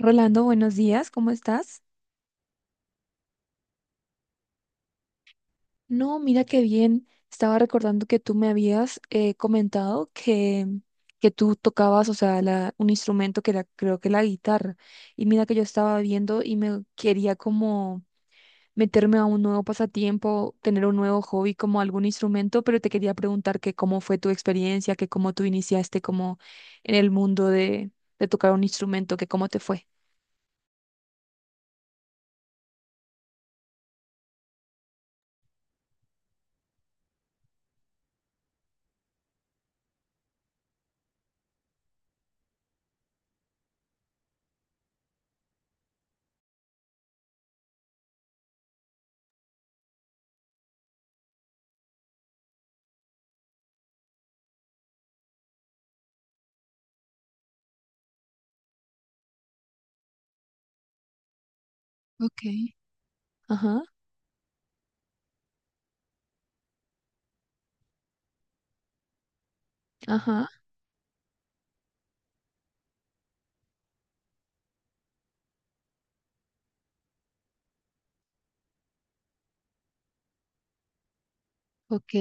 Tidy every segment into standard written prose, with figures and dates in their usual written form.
Rolando, buenos días, ¿cómo estás? No, mira qué bien. Estaba recordando que tú me habías comentado que tú tocabas, o sea, un instrumento que era, creo que la guitarra. Y mira que yo estaba viendo y me quería como meterme a un nuevo pasatiempo, tener un nuevo hobby como algún instrumento, pero te quería preguntar que cómo fue tu experiencia, que cómo tú iniciaste como en el mundo de tocar un instrumento, que cómo te fue. Ok. Ajá. Ajá, ok.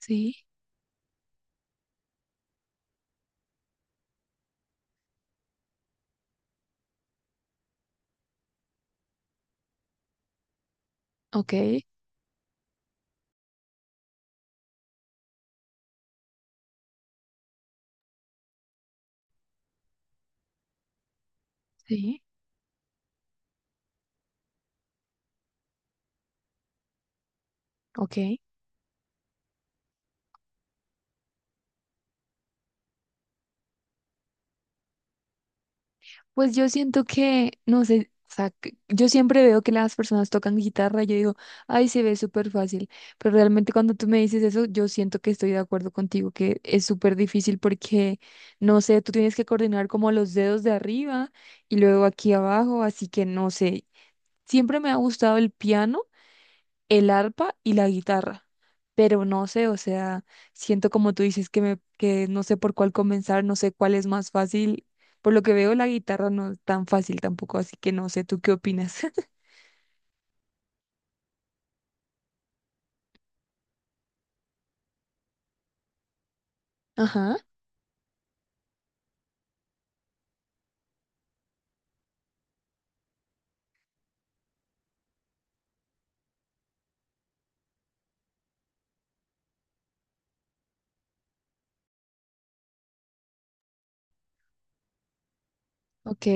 Sí. Ok, sí, ok. Pues yo siento que, no sé, o sea, yo siempre veo que las personas tocan guitarra y yo digo, ay, se ve súper fácil, pero realmente cuando tú me dices eso, yo siento que estoy de acuerdo contigo, que es súper difícil porque, no sé, tú tienes que coordinar como los dedos de arriba y luego aquí abajo, así que no sé, siempre me ha gustado el piano, el arpa y la guitarra. Pero no sé, o sea, siento como tú dices que no sé por cuál comenzar, no sé cuál es más fácil. Por lo que veo, la guitarra no es tan fácil tampoco, así que no sé, ¿tú qué opinas? Ajá, ok,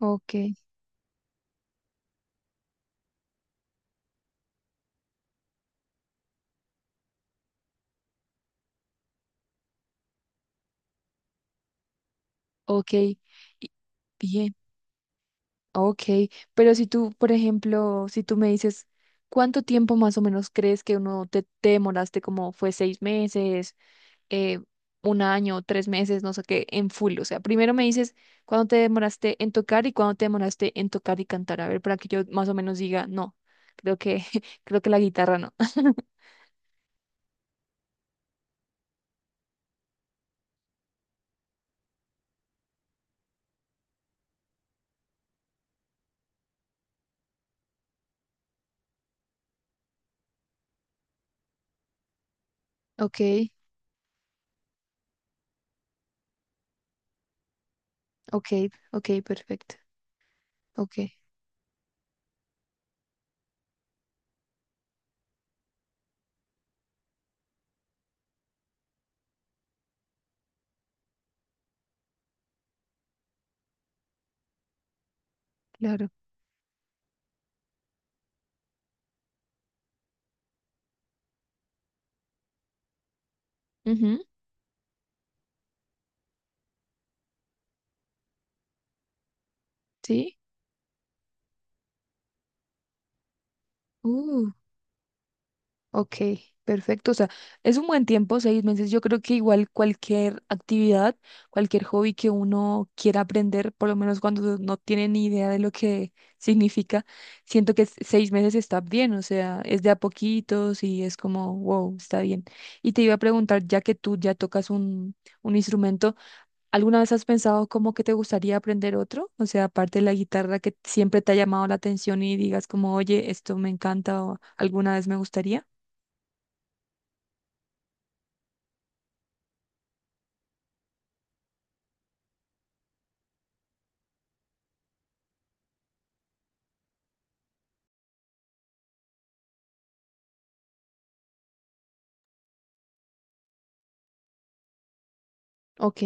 ok, ok, y- bien, ok. Pero si tú, por ejemplo, si tú me dices, ¿cuánto tiempo más o menos crees que uno te demoraste? Como fue 6 meses, eh, 1 año, 3 meses, no sé qué, en full. O sea, primero me dices cuándo te demoraste en tocar y cuándo te demoraste en tocar y cantar. A ver, para que yo más o menos diga, no, creo que, creo que la guitarra no. Ok, ok, ok, perfecto. Ok, claro. Ujú, sí. Ok, perfecto. O sea, es un buen tiempo, 6 meses. Yo creo que igual cualquier actividad, cualquier hobby que uno quiera aprender, por lo menos cuando no tiene ni idea de lo que significa, siento que 6 meses está bien. O sea, es de a poquitos y es como, wow, está bien. Y te iba a preguntar, ya que tú ya tocas un instrumento, ¿alguna vez has pensado cómo que te gustaría aprender otro? O sea, aparte de la guitarra que siempre te ha llamado la atención y digas como, oye, esto me encanta o alguna vez me gustaría. Ok.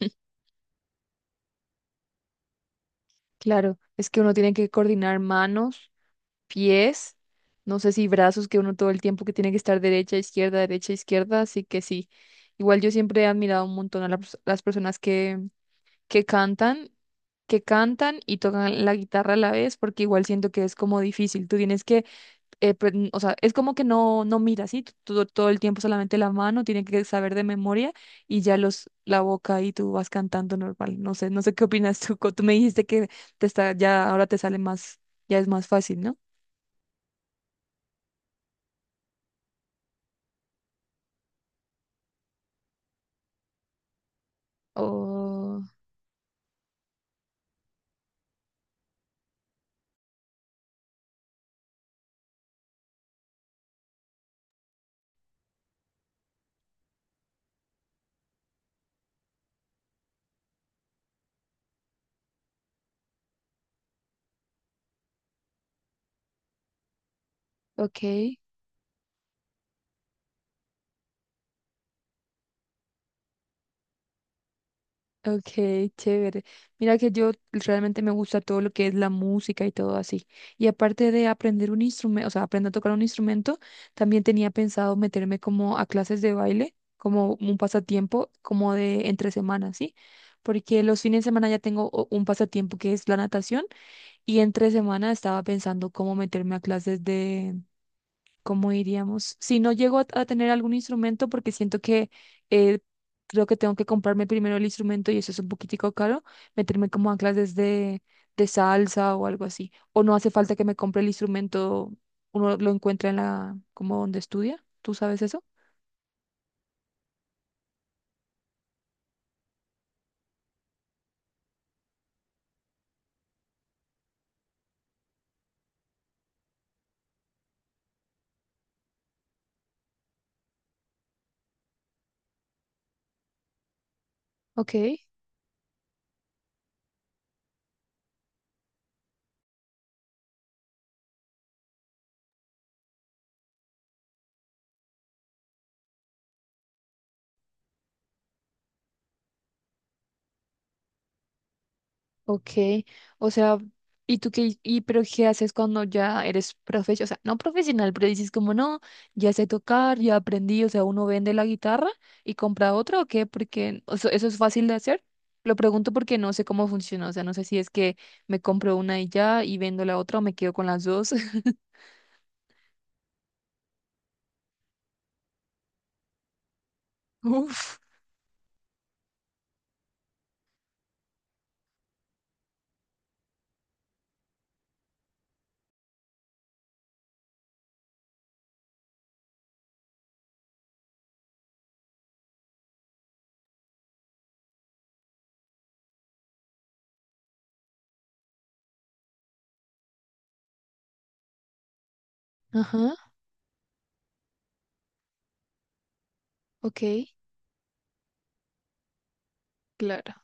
Claro. Es que uno tiene que coordinar manos, pies, no sé si brazos, que uno todo el tiempo que tiene que estar derecha, izquierda, así que sí. Igual yo siempre he admirado un montón a las personas que cantan, que cantan y tocan la guitarra a la vez, porque igual siento que es como difícil. Tú tienes que pues, o sea, es como que no, no mira, ¿sí? Todo, todo el tiempo solamente la mano, tiene que saber de memoria y ya los, la boca y tú vas cantando normal. No sé, no sé qué opinas tú. Tú me dijiste que te está, ya ahora te sale más, ya es más fácil, ¿no? Oh, ok. Ok, chévere. Mira que yo realmente me gusta todo lo que es la música y todo así. Y aparte de aprender un instrumento, o sea, aprender a tocar un instrumento, también tenía pensado meterme como a clases de baile, como un pasatiempo, como de entre semanas, ¿sí? Porque los fines de semana ya tengo un pasatiempo que es la natación y entre semana estaba pensando cómo meterme a clases. ¿Cómo iríamos? Si no llego a tener algún instrumento, porque siento que eh, creo que tengo que comprarme primero el instrumento y eso es un poquitico caro, meterme como a clases de salsa o algo así. O no hace falta que me compre el instrumento, uno lo encuentra en la, como donde estudia. ¿Tú sabes eso? Ok. Ok, o sea, ¿y tú y pero qué haces cuando ya eres profesional? O sea, no profesional, pero dices como no, ya sé tocar, ya aprendí, o sea, uno vende la guitarra y compra otra o qué, porque o sea, eso es fácil de hacer. Lo pregunto porque no sé cómo funciona, o sea, no sé si es que me compro una y ya y vendo la otra o me quedo con las dos. Uf. Ajá, ok, claro.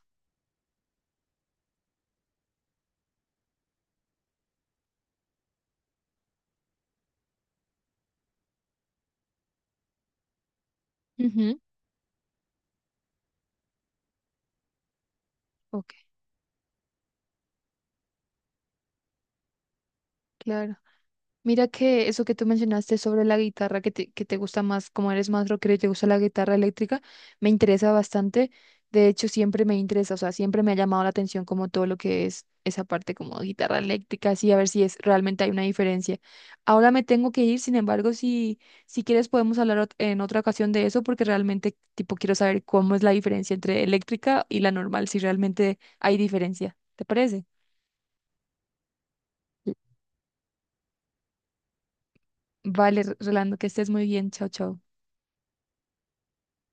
Ujú, ok, claro. Mira que eso que tú mencionaste sobre la guitarra, que te gusta más, como eres más rockero y te gusta la guitarra eléctrica, me interesa bastante. De hecho, siempre me interesa, o sea, siempre me ha llamado la atención como todo lo que es esa parte como guitarra eléctrica, así a ver si es realmente hay una diferencia. Ahora me tengo que ir, sin embargo, si quieres podemos hablar en otra ocasión de eso, porque realmente tipo quiero saber cómo es la diferencia entre eléctrica y la normal, si realmente hay diferencia. ¿Te parece? Vale, Rolando, que estés muy bien. Chao, chao.